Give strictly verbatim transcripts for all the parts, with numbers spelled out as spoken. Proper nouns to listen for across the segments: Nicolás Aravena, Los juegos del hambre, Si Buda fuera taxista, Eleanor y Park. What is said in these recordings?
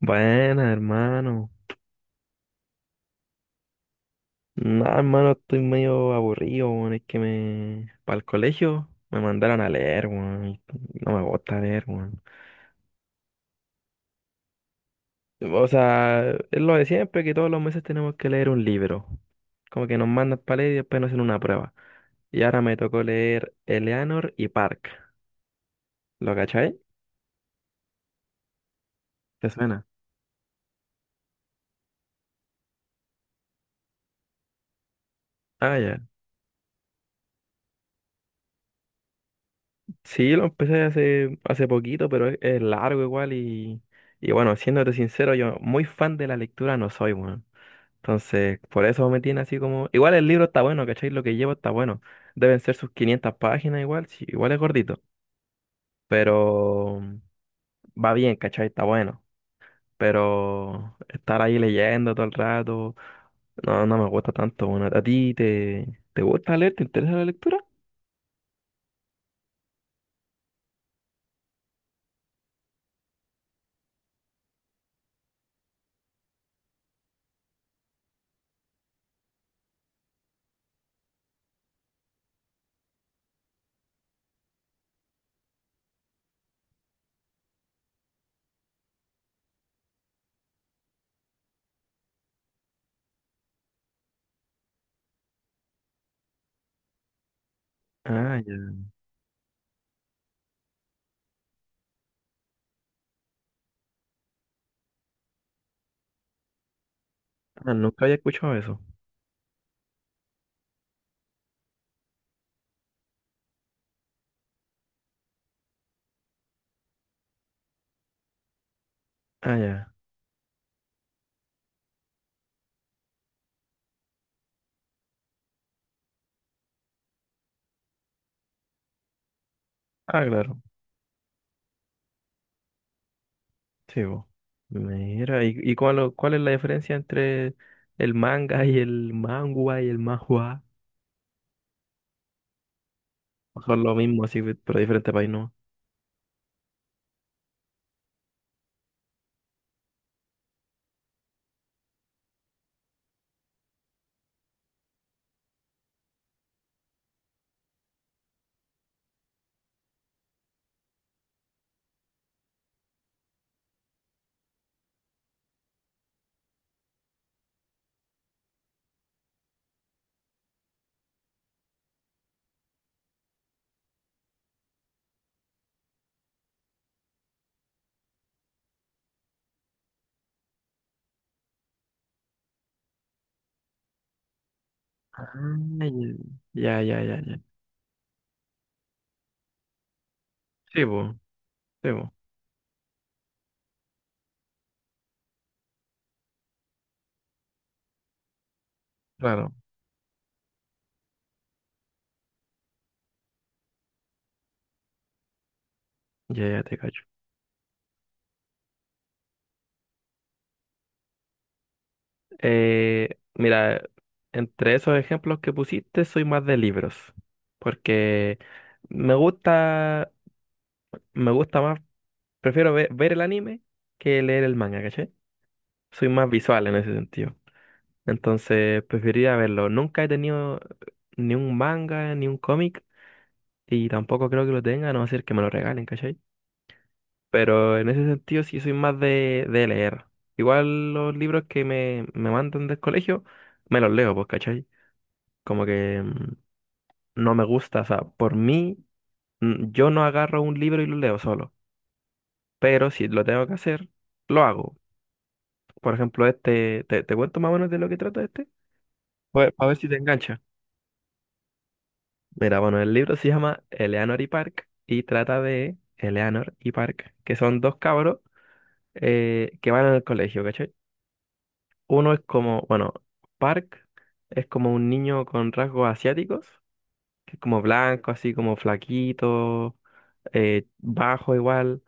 Buena, hermano. No, hermano, estoy medio aburrido, weón. Es que me... Para el colegio me mandaron a leer, weón, y no me gusta leer, weón. O sea, es lo de siempre, que todos los meses tenemos que leer un libro. Como que nos mandan para leer y después nos hacen una prueba. Y ahora me tocó leer Eleanor y Park. ¿Lo cachai? ¿Te suena? Ah, ya. Sí, lo empecé hace, hace poquito, pero es, es largo igual. Y... Y bueno, siéndote sincero, yo muy fan de la lectura no soy, weón. Entonces, por eso me tiene así como... Igual el libro está bueno, ¿cachai? Lo que llevo está bueno. Deben ser sus quinientas páginas igual, sí, igual es gordito. Pero va bien, ¿cachai? Está bueno. Pero estar ahí leyendo todo el rato, no, no me gusta tanto. Bueno, ¿a ti te, te gusta leer? ¿Te interesa la lectura? Ah, ya. Ah, nunca había escuchado eso. Ah, ya. Ah, claro. Sí, vos. Mira, ¿y, y cuál, o- cuál es la diferencia entre el manga y el mangua y el manhua? ¿Son lo mismo, así, pero diferente país, no? Ah, ya, ya, ya, ya. Sí, pues, sí, po, claro. Ya, ya te cacho. Eh, mira, entre esos ejemplos que pusiste, soy más de libros. Porque me gusta, me gusta más, prefiero ve- ver el anime que leer el manga, ¿cachai? Soy más visual en ese sentido. Entonces, preferiría verlo. Nunca he tenido ni un manga, ni un cómic, y tampoco creo que lo tenga, a no ser que me lo regalen, ¿cachai? Pero en ese sentido sí soy más de, de leer. Igual los libros que me, me mandan del colegio, me los leo, pues, ¿cachai? Como que mm, no me gusta, o sea, por mí, mm, yo no agarro un libro y lo leo solo. Pero si lo tengo que hacer, lo hago. Por ejemplo, este, te, te cuento más o menos de lo que trata este. Pues, a ver si te engancha. Mira, bueno, el libro se llama Eleanor y Park y trata de Eleanor y Park, que son dos cabros eh, que van al colegio, ¿cachai? Uno es como, bueno, Park es como un niño con rasgos asiáticos, que es como blanco, así como flaquito, eh, bajo igual.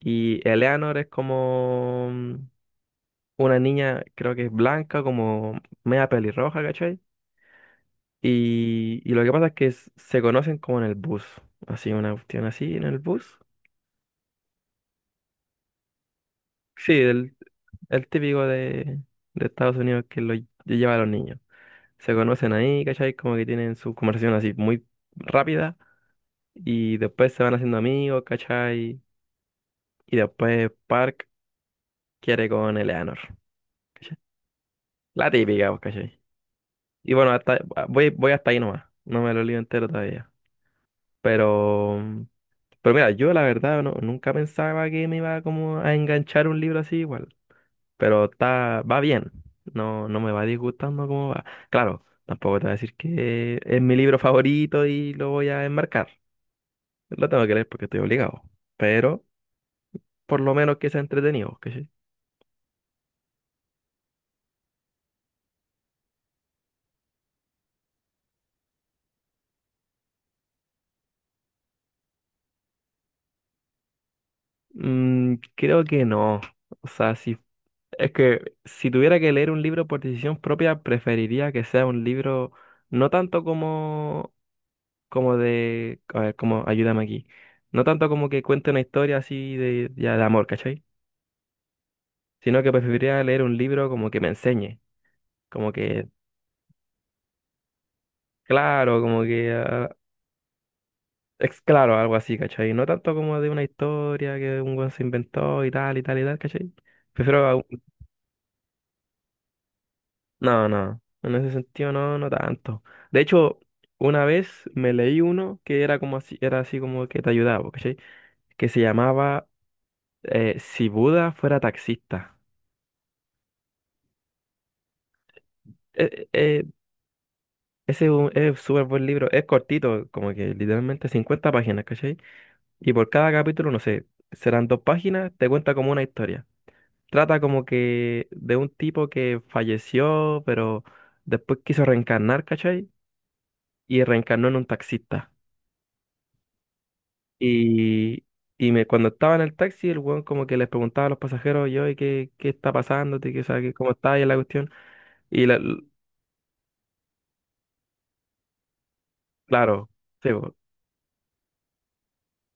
Y Eleanor es como mm, una niña, creo que es blanca, como media pelirroja, ¿cachai? Y, y lo que pasa es que s- se conocen como en el bus, así, una cuestión así en el bus. Sí, el, el típico de, de Estados Unidos que lo ll- lleva a los niños. Se conocen ahí, ¿cachai? Como que tienen su conversación así muy rápida y después se van haciendo amigos, ¿cachai? Y después Park quiere con Eleanor, ¿cachai? La típica, pues, ¿cachai? Y bueno, hasta, ah, voy, voy hasta ahí nomás, no me lo leo entero todavía. Pero, pero mira, yo la verdad no, nunca pensaba que me iba como a enganchar un libro así igual, pero está, va bien, no, no me va disgustando cómo va. Claro. Tampoco te voy a decir que es mi libro favorito y lo voy a enmarcar. Lo tengo que leer porque estoy obligado. Pero por lo menos que sea entretenido, ¿cachai? Mm, creo que no. O sea, si, es que si tuviera que leer un libro por decisión propia, preferiría que sea un libro no tanto como, como de, a ver, como, ayúdame aquí. No tanto como que cuente una historia así de, ya de amor, ¿cachai? Sino que preferiría leer un libro como que me enseñe. Como que, claro, como que ah, Es claro, algo así, ¿cachai? No tanto como de una historia que un weón se inventó y tal y tal y tal, ¿cachai? Prefiero... a un- No, no, en ese sentido no, no tanto. De hecho, una vez me leí uno que era como así, era así como que te ayudaba, ¿cachai? Que se llamaba eh, Si Buda fuera taxista. Eh, eh, Ese es un es súper buen libro, es cortito, como que literalmente cincuenta páginas, ¿cachai? Y por cada capítulo, no sé, serán dos páginas, te cuenta como una historia. Trata como que de un tipo que falleció, pero después quiso reencarnar, ¿cachai? Y reencarnó en un taxista. Y, y me, cuando estaba en el taxi, el weón como que les preguntaba a los pasajeros, yo, ¿y qué, qué está pasando? ¿Qué, o sea, qué- ¿Cómo está ahí la cuestión? Y la- l- claro, sí, po,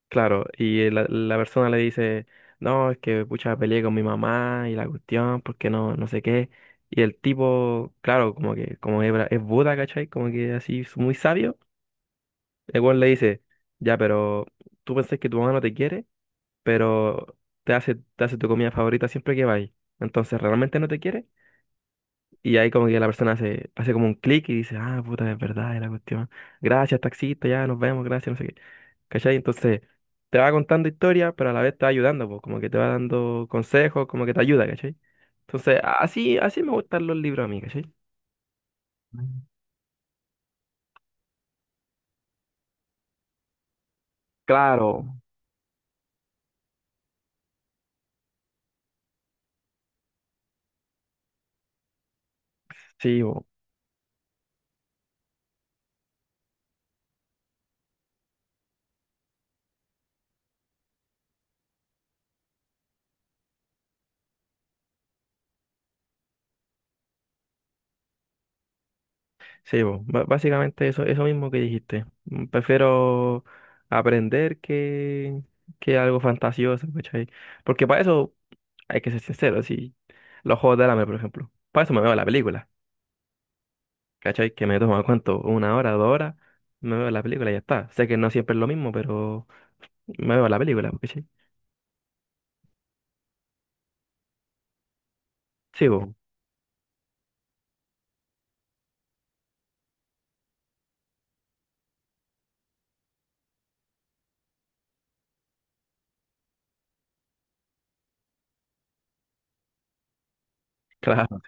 claro. Y la, la persona le dice, no, es que pucha, peleé con mi mamá y la cuestión, porque no, no sé qué. Y el tipo, claro, como que como es, bra- es Buda, ¿cachai? Como que así es muy sabio. El weón le dice, ya, pero tú pensás que tu mamá no te quiere, pero te hace, te hace tu comida favorita siempre que vais. Entonces, ¿realmente no te quiere? Y ahí como que la persona hace, hace como un clic y dice, ah, puta, es verdad, es la cuestión. Gracias, taxista, ya, nos vemos, gracias, no sé qué. ¿Cachai? Entonces, te va contando historia, pero a la vez te va ayudando, pues, como que te va dando consejos, como que te ayuda, ¿cachai? Entonces, así, así me gustan los libros a mí, ¿cachai? Mm. Claro, sí, sí, bo, ba- básicamente eso, eso, mismo que dijiste. Mm, Prefiero aprender que, que algo fantasioso, ¿cachai? Porque para eso hay que ser sincero, si los juegos del hambre, por ejemplo. Para eso me veo la película, ¿cachai? Que me toma cuánto, una hora, dos horas, me veo la película y ya está. Sé que no siempre es lo mismo, pero me veo la película, ¿cachai? Sí, bo, claro,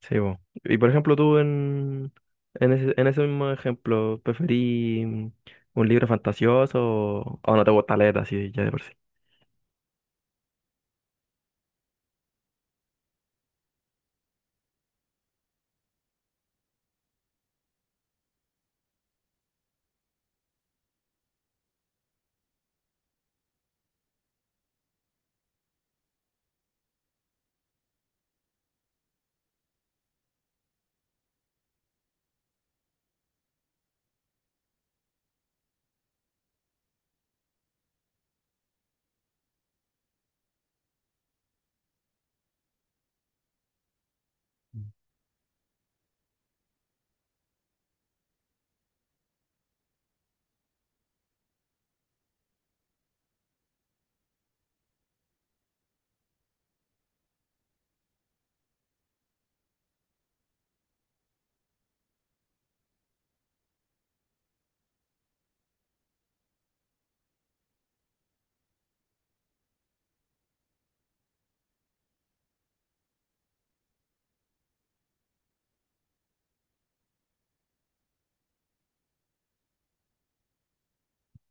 sí, po. Y por ejemplo, tú en, en ese, en ese mismo ejemplo, ¿preferí mm, un libro fantasioso o, o no te gusta leer así ya de por sí?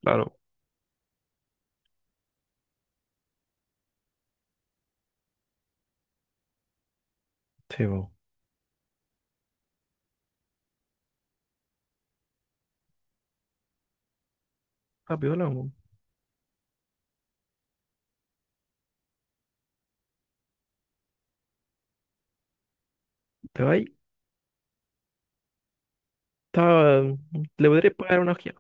Claro, sí, po. Ah, piola, po. Te va ahí. Está- Le podrías pagar una ojeada.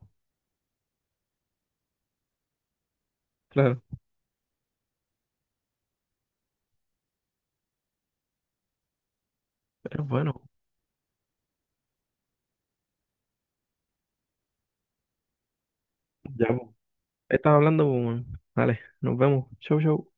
Claro. Pero bueno, ya, po. Estaba hablando, po, weón. Dale, nos vemos. Chau, chau.